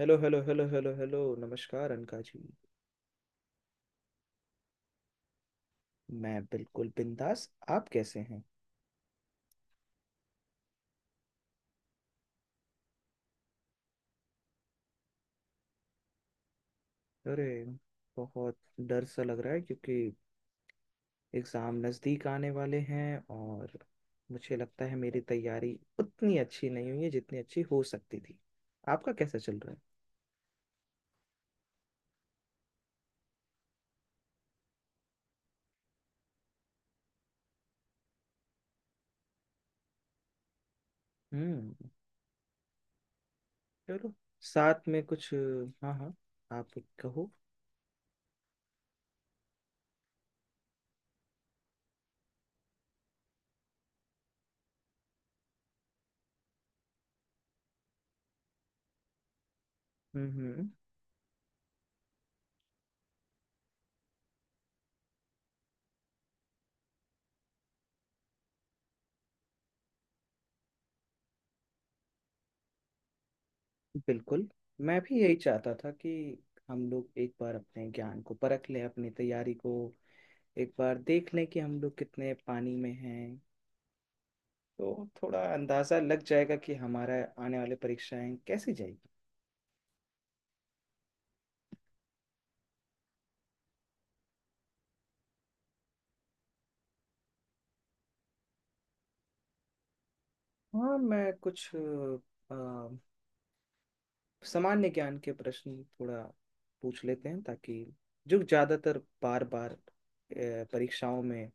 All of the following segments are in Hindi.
Hello hello hello hello hello नमस्कार अनका जी। मैं बिल्कुल बिंदास। आप कैसे हैं? अरे बहुत डर सा लग रहा है क्योंकि एग्ज़ाम नज़दीक आने वाले हैं और मुझे लगता है मेरी तैयारी उतनी अच्छी नहीं हुई है जितनी अच्छी हो सकती थी। आपका कैसा चल रहा है? हम्म चलो साथ में कुछ, हाँ हाँ, आप कहो। हम्म हम्म, बिल्कुल। मैं भी यही चाहता था कि हम लोग एक बार अपने ज्ञान को परख लें, अपनी तैयारी को एक बार देख लें कि हम लोग कितने पानी में हैं। तो थोड़ा अंदाज़ा लग जाएगा कि हमारा आने वाले परीक्षाएं कैसी जाएगी। हाँ मैं कुछ अ, सामान्य ज्ञान के प्रश्न थोड़ा पूछ लेते हैं ताकि जो ज़्यादातर बार बार परीक्षाओं में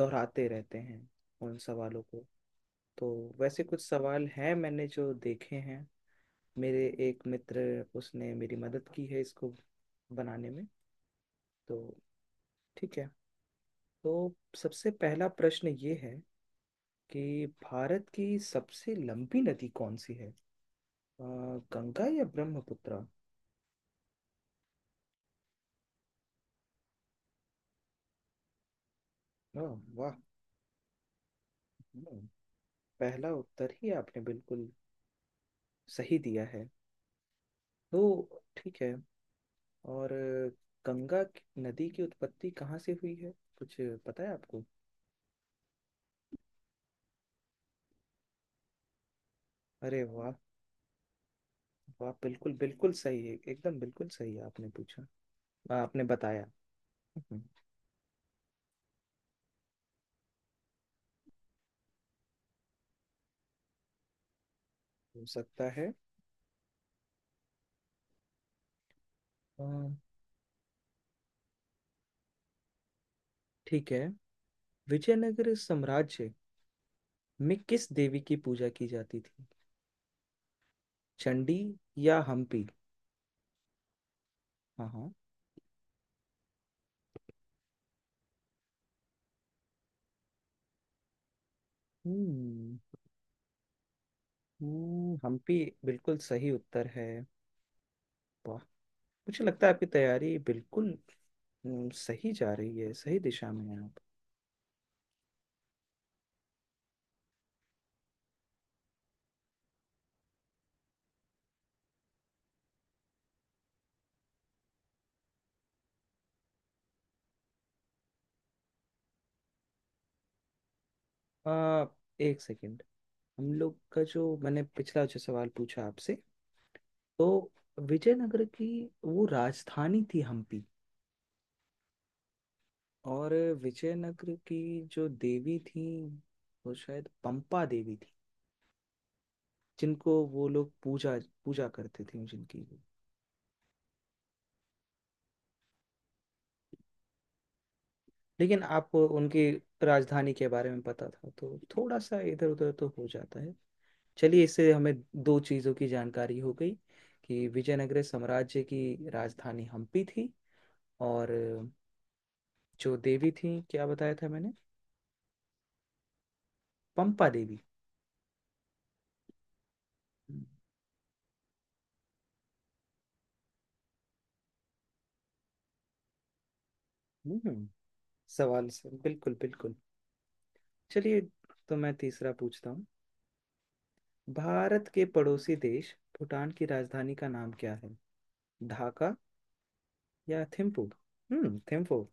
दोहराते रहते हैं उन सवालों को। तो वैसे कुछ सवाल हैं मैंने जो देखे हैं, मेरे एक मित्र उसने मेरी मदद की है इसको बनाने में। तो ठीक है। तो सबसे पहला प्रश्न ये है कि भारत की सबसे लंबी नदी कौन सी है? अ, गंगा या ब्रह्मपुत्र? अ, वाह! हम्म, पहला उत्तर ही आपने बिल्कुल सही दिया है। तो ठीक है। और नदी की उत्पत्ति कहाँ से हुई है, कुछ पता है आपको? अरे वाह! वाह बिल्कुल बिल्कुल सही है, एकदम बिल्कुल सही आपने पूछा, आपने बताया। हम्म, हो सकता है। अ, ठीक है। विजयनगर साम्राज्य में किस देवी की पूजा की जाती थी? चंडी या हम्पी? हाँ हाँ। हम्म हम्पी बिल्कुल सही उत्तर है। वाह! मुझे लगता है आपकी तैयारी बिल्कुल सही जा रही है, सही दिशा में है आप। आ, एक सेकंड। हम लोग का जो मैंने पिछला जो सवाल पूछा आपसे, तो विजयनगर की वो राजधानी थी हम्पी। और विजयनगर की जो देवी थी वो शायद पंपा देवी थी, जिनको वो लोग पूजा पूजा करते थे जिनकी। लेकिन आपको उनकी राजधानी के बारे में पता था, तो थोड़ा सा इधर उधर तो हो जाता है। चलिए इससे हमें दो चीज़ों की जानकारी हो गई कि विजयनगर साम्राज्य की राजधानी हम्पी थी और जो देवी थी क्या बताया था मैंने, पंपा देवी। हम्म सवाल से बिल्कुल बिल्कुल। चलिए, तो मैं तीसरा पूछता हूँ। भारत के पड़ोसी देश भूटान की राजधानी का नाम क्या है? ढाका या थिम्पू? हम्म, थिम्पू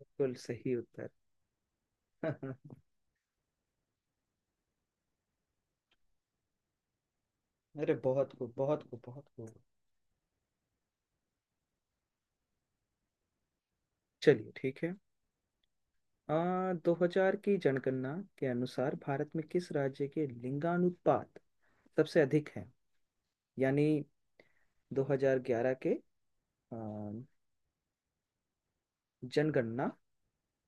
बिल्कुल सही उत्तर। अरे बहुत खूब बहुत खूब बहुत खूब। चलिए ठीक है। आ, 2000 की जनगणना के अनुसार भारत में किस राज्य के लिंगानुपात सबसे अधिक है, यानी 2011 के आ, जनगणना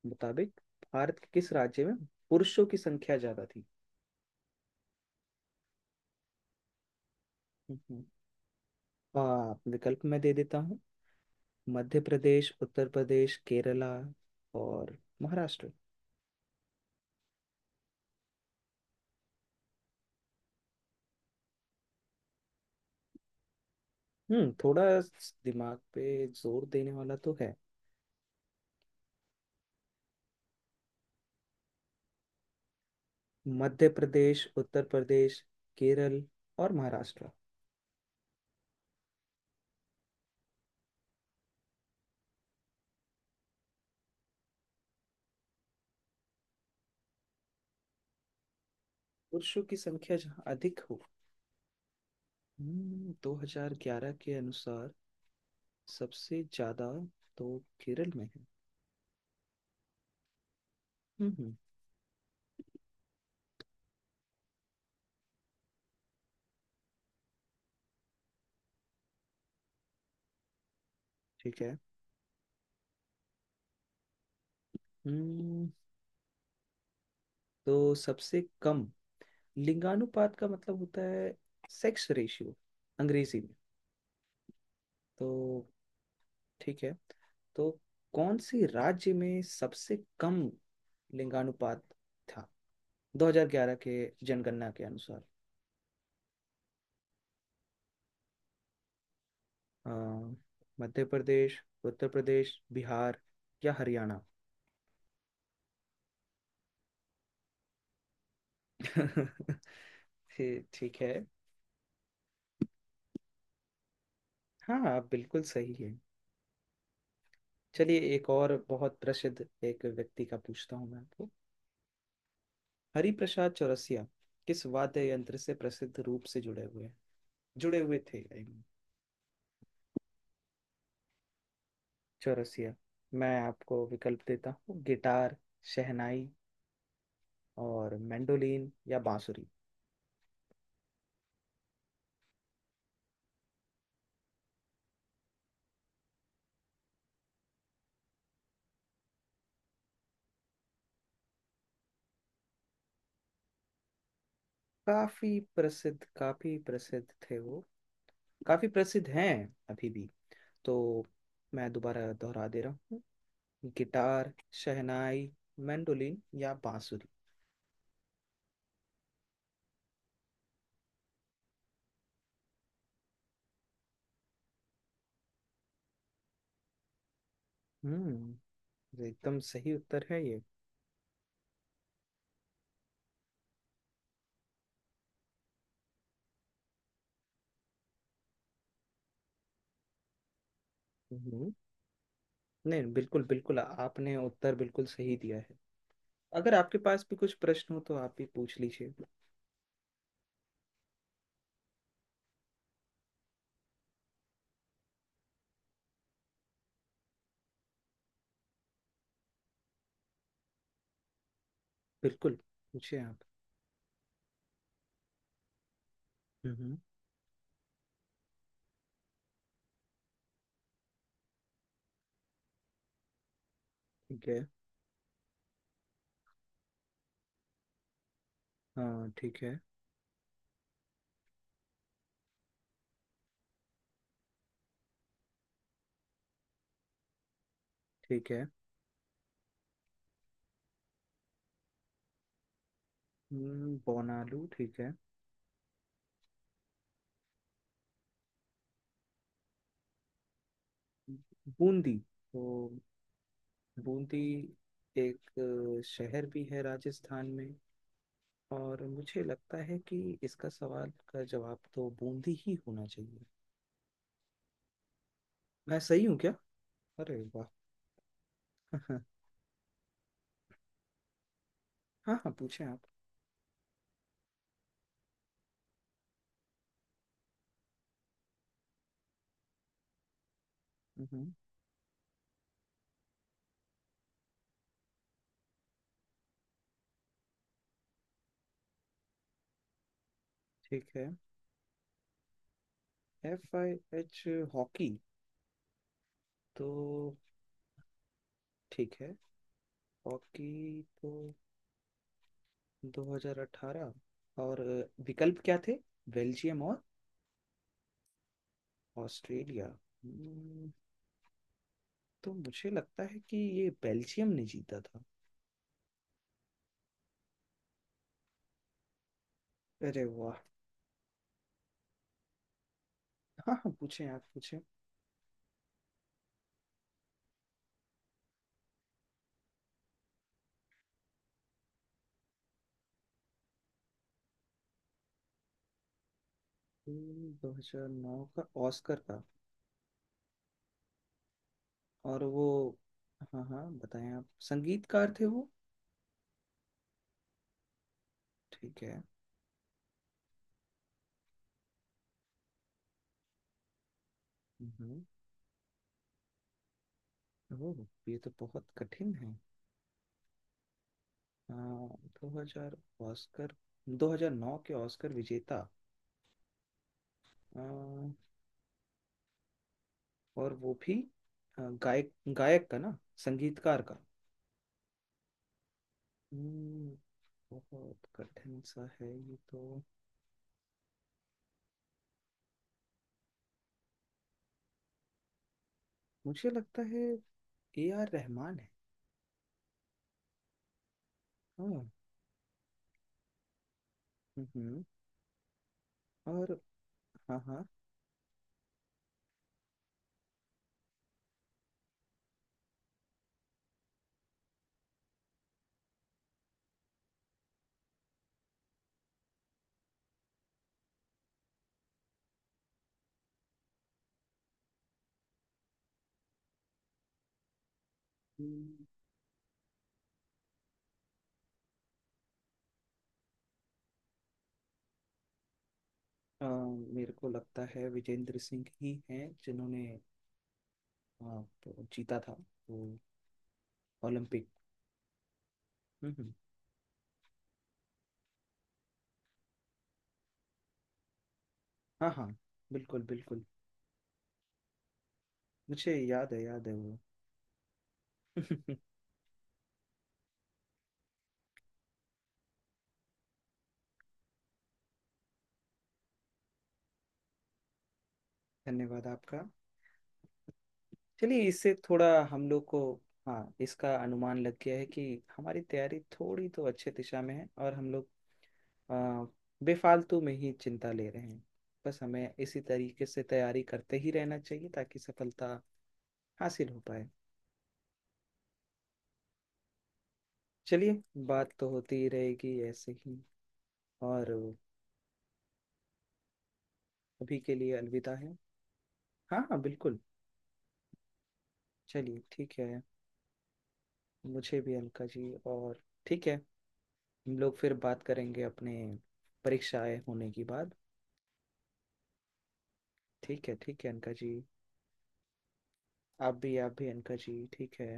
मुताबिक भारत के किस राज्य में पुरुषों की संख्या ज्यादा थी? हम्म। आ, विकल्प मैं दे देता हूँ: मध्य प्रदेश, उत्तर प्रदेश, केरला और महाराष्ट्र। थोड़ा दिमाग पे जोर देने वाला तो है। मध्य प्रदेश, उत्तर प्रदेश, केरल और महाराष्ट्र। पुरुषों की संख्या जहाँ अधिक हो। हम्म, 2011 के अनुसार सबसे ज्यादा तो केरल में है। हम्म हम्म, ठीक है। हम्म तो सबसे कम लिंगानुपात का मतलब होता है सेक्स रेशियो, अंग्रेजी में। तो ठीक है। तो कौन से राज्य में सबसे कम लिंगानुपात था 2011 के जनगणना के अनुसार? अ, मध्य प्रदेश, उत्तर प्रदेश, बिहार या हरियाणा? ये ठीक है। हाँ आप बिल्कुल सही है। चलिए, एक और बहुत प्रसिद्ध एक व्यक्ति का पूछता हूँ मैं आपको। हरिप्रसाद चौरसिया किस वाद्य यंत्र से प्रसिद्ध रूप से जुड़े हुए हैं, जुड़े हुए थे चौरसिया? मैं आपको विकल्प देता हूँ: गिटार, शहनाई और मैंडोलिन, या बांसुरी? काफी प्रसिद्ध, काफी प्रसिद्ध थे वो, काफी प्रसिद्ध हैं अभी भी। तो मैं दोबारा दोहरा दे रहा हूँ: गिटार, शहनाई, मैंडोलिन या बांसुरी। हम्म, ये एकदम सही उत्तर है ये। हम्म, नहीं बिल्कुल बिल्कुल आपने उत्तर बिल्कुल सही दिया है। अगर आपके पास भी कुछ प्रश्न हो तो आप भी पूछ लीजिए। बिल्कुल। पूछिए आप। हम्म, ठीक है। हाँ ठीक है। ठीक है। बोनालू ठीक है। बूंदी तो, बूंदी एक शहर भी है राजस्थान में, और मुझे लगता है कि इसका सवाल का जवाब तो बूंदी ही होना चाहिए। मैं सही हूँ क्या? अरे वाह! हाँ हाँ पूछें आप। हम्म, ठीक है FIH हॉकी। तो ठीक है, हॉकी तो 2018। और विकल्प क्या थे? बेल्जियम और ऑस्ट्रेलिया। तो मुझे लगता है कि ये बेल्जियम ने जीता था। अरे वाह! हाँ हाँ पूछें आप, पूछें। 2009 का ऑस्कर का। और वो, हाँ हाँ बताएं आप, संगीतकार थे वो। ठीक है। हम्म, ओह ये तो बहुत कठिन है। दो हजार ऑस्कर, 2009 के ऑस्कर विजेता। आ, और वो भी गायक, गायक का ना, संगीतकार का। हम्म, बहुत कठिन सा है ये तो। मुझे लगता है A R रहमान है। हाँ। हम्म, और हाँ हाँ। हम्म, आ, मेरे को लगता है विजेंद्र सिंह ही हैं जिन्होंने, हाँ, तो जीता था वो ओलंपिक। हम्म हम्म, हाँ हाँ बिल्कुल बिल्कुल। मुझे याद है, याद है वो। धन्यवाद आपका। चलिए इससे थोड़ा हम लोग को, हाँ इसका अनुमान लग गया है कि हमारी तैयारी थोड़ी तो अच्छे दिशा में है और हम लोग आ, बेफालतू में ही चिंता ले रहे हैं। बस हमें इसी तरीके से तैयारी करते ही रहना चाहिए ताकि सफलता हासिल हो पाए। चलिए, बात तो होती ही रहेगी ऐसे ही। और अभी के लिए अलविदा है। हाँ हाँ बिल्कुल। चलिए ठीक है। मुझे भी, अलका जी, और ठीक है, हम लोग फिर बात करेंगे अपने परीक्षाएं होने के बाद। ठीक है अनका जी। आप भी, आप भी अनका जी, ठीक है।